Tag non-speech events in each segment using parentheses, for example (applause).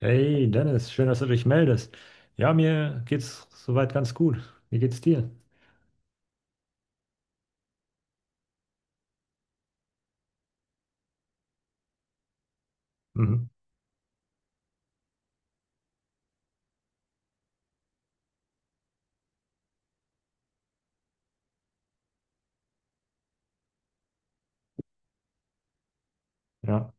Hey Dennis, schön, dass du dich meldest. Ja, mir geht's soweit ganz gut. Wie geht's dir? Mhm. Ja,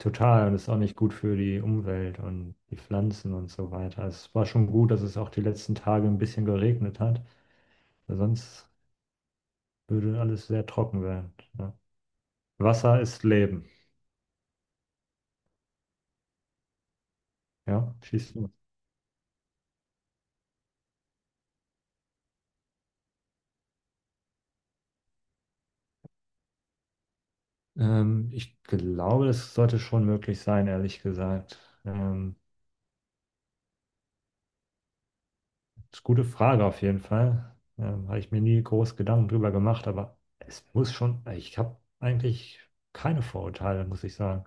total. Und ist auch nicht gut für die Umwelt und die Pflanzen und so weiter. Es war schon gut, dass es auch die letzten Tage ein bisschen geregnet hat, weil sonst würde alles sehr trocken werden. Ja. Wasser ist Leben. Ja, schieß los. Ich glaube, das sollte schon möglich sein, ehrlich gesagt. Ähm, Das ist eine gute Frage auf jeden Fall. Habe ich mir nie groß Gedanken drüber gemacht, aber es muss schon, ich habe eigentlich keine Vorurteile, muss ich sagen.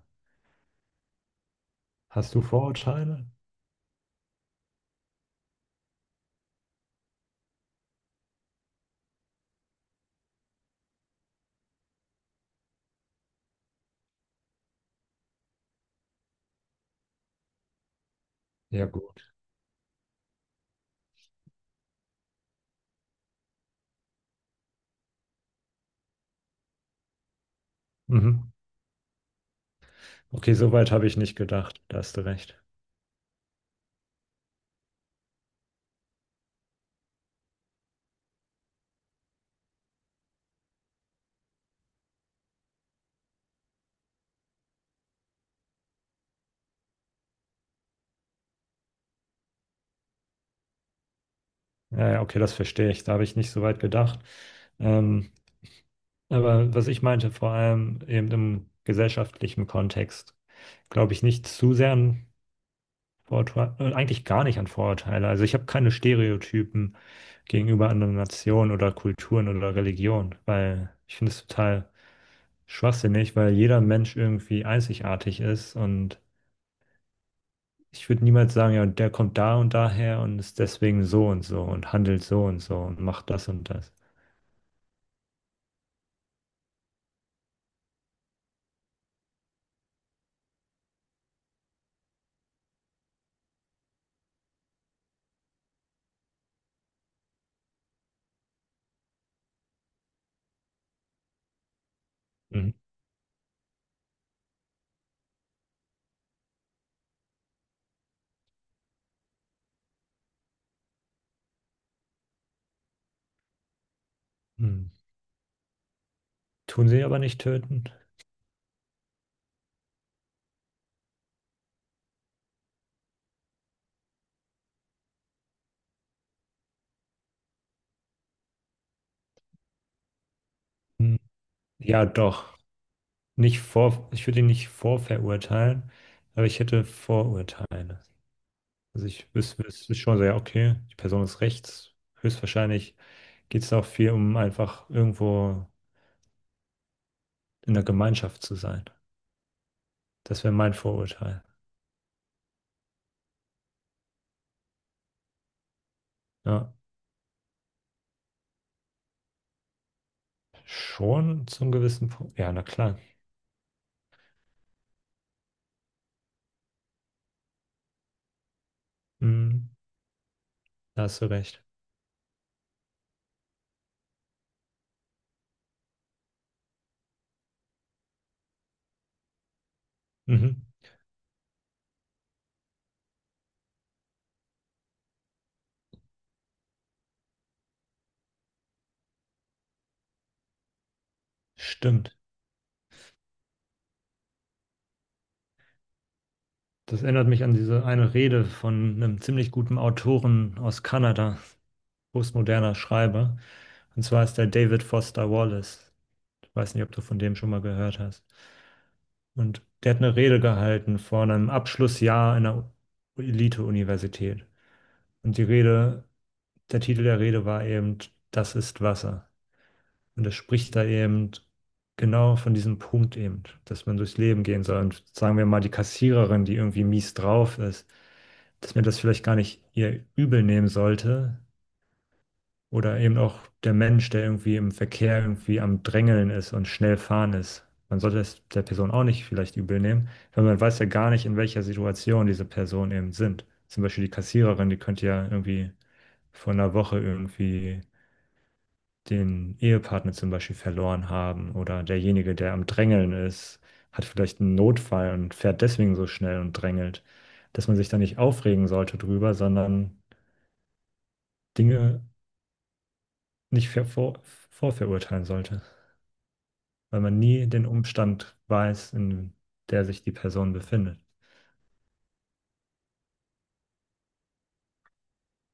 Hast du Vorurteile? Ja, gut. Mhm. Okay, so weit habe ich nicht gedacht. Da hast du recht. Ja, ja, okay, das verstehe ich. Da habe ich nicht so weit gedacht. Ähm, aber was ich meinte, vor allem eben im gesellschaftlichen Kontext, glaube ich nicht zu sehr Vorurteile, eigentlich gar nicht an Vorurteile. Also ich habe keine Stereotypen gegenüber anderen Nationen oder Kulturen oder Religionen, weil ich finde es total schwachsinnig, weil jeder Mensch irgendwie einzigartig ist und ich würde niemals sagen, ja, der kommt da und daher und ist deswegen so und so und handelt so und so und macht das und das. Mhm. Mhm. Tun sie aber nicht töten? Mhm. Ja, doch. Nicht vor, ich würde ihn nicht vorverurteilen, aber ich hätte Vorurteile. Also ich wüsste schon so, ja, okay, die Person ist rechts. Höchstwahrscheinlich geht es auch viel um einfach irgendwo in der Gemeinschaft zu sein. Das wäre mein Vorurteil. Ja, schon zum gewissen Punkt. Ja, na klar. Mhm, da hast du recht. Mhm, stimmt. Das erinnert mich an diese eine Rede von einem ziemlich guten Autoren aus Kanada, postmoderner Schreiber. Und zwar ist der David Foster Wallace. Ich weiß nicht, ob du von dem schon mal gehört hast. Und der hat eine Rede gehalten vor einem Abschlussjahr einer Elite-Universität. Und die Rede, der Titel der Rede war eben, das ist Wasser. Und er spricht da eben genau von diesem Punkt eben, dass man durchs Leben gehen soll. Und sagen wir mal, die Kassiererin, die irgendwie mies drauf ist, dass man das vielleicht gar nicht ihr übel nehmen sollte, oder eben auch der Mensch, der irgendwie im Verkehr irgendwie am Drängeln ist und schnell fahren ist. Man sollte es der Person auch nicht vielleicht übel nehmen, weil man weiß ja gar nicht, in welcher Situation diese Personen eben sind. Zum Beispiel die Kassiererin, die könnte ja irgendwie vor einer Woche irgendwie den Ehepartner zum Beispiel verloren haben. Oder derjenige, der am Drängeln ist, hat vielleicht einen Notfall und fährt deswegen so schnell und drängelt. Dass man sich da nicht aufregen sollte drüber, sondern Dinge nicht vorverurteilen sollte, weil man nie den Umstand weiß, in der sich die Person befindet.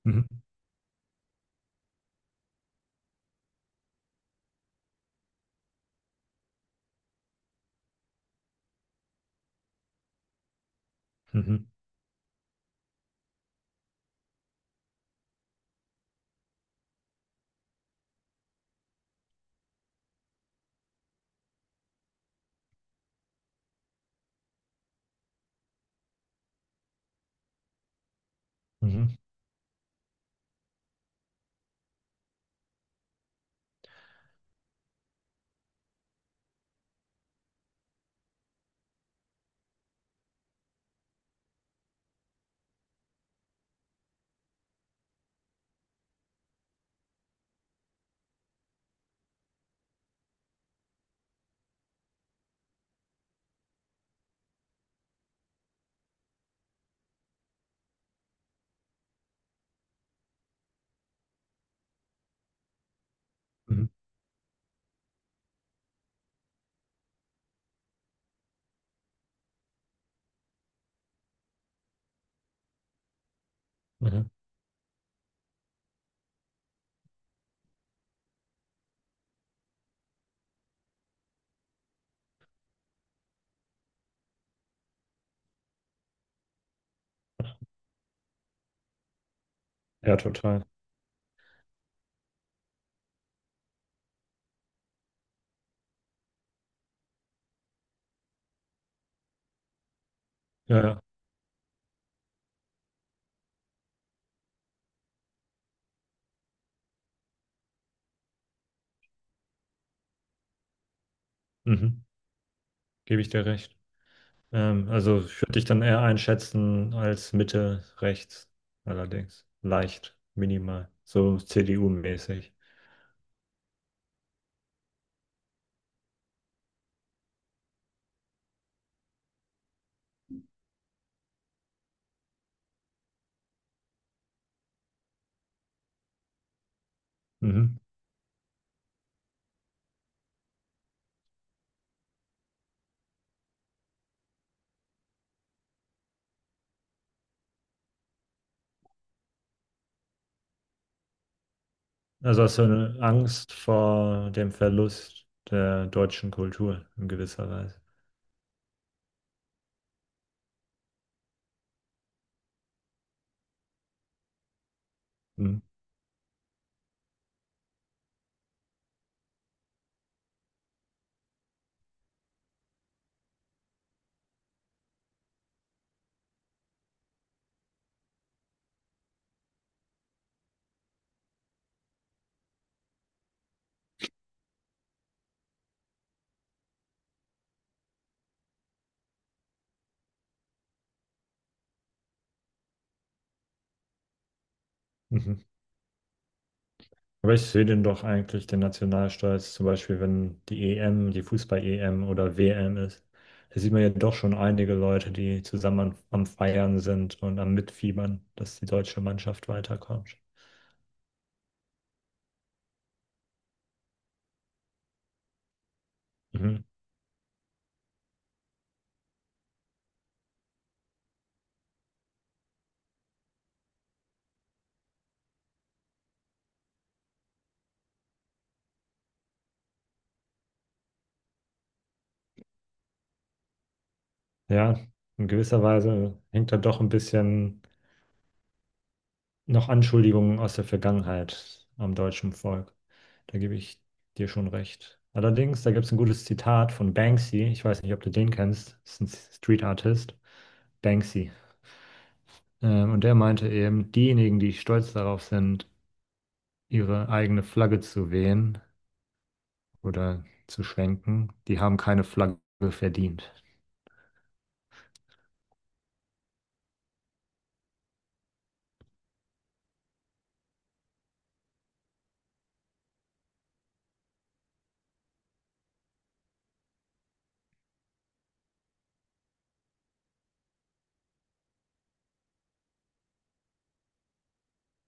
Mhm. Mhm. Mhm. Mhm. Mhm. Ja, total. Ja, ja. Mhm. Gebe ich dir recht. Also ich würde dich dann eher einschätzen als Mitte rechts, allerdings leicht, minimal, so CDU-mäßig. Mhm. Also hast du eine Angst vor dem Verlust der deutschen Kultur in gewisser Weise. Mhm. Mhm. Aber ich sehe den doch eigentlich, den Nationalstolz, zum Beispiel, wenn die EM, die Fußball-EM oder WM ist. Da sieht man ja doch schon einige Leute, die zusammen am, am Feiern sind und am Mitfiebern, dass die deutsche Mannschaft weiterkommt. Mhm. Ja, in gewisser Weise hängt da doch ein bisschen noch Anschuldigungen aus der Vergangenheit am deutschen Volk. Da gebe ich dir schon recht. Allerdings, da gibt es ein gutes Zitat von Banksy. Ich weiß nicht, ob du den kennst. Das ist ein Street Artist. Banksy. Und der meinte eben, diejenigen, die stolz darauf sind, ihre eigene Flagge zu wehen oder zu schwenken, die haben keine Flagge verdient.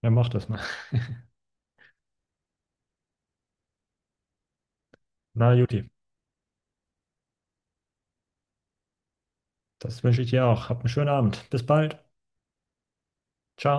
Dann mach das mal. (laughs) Na, juti, das wünsche ich dir auch. Habt einen schönen Abend. Bis bald. Ciao.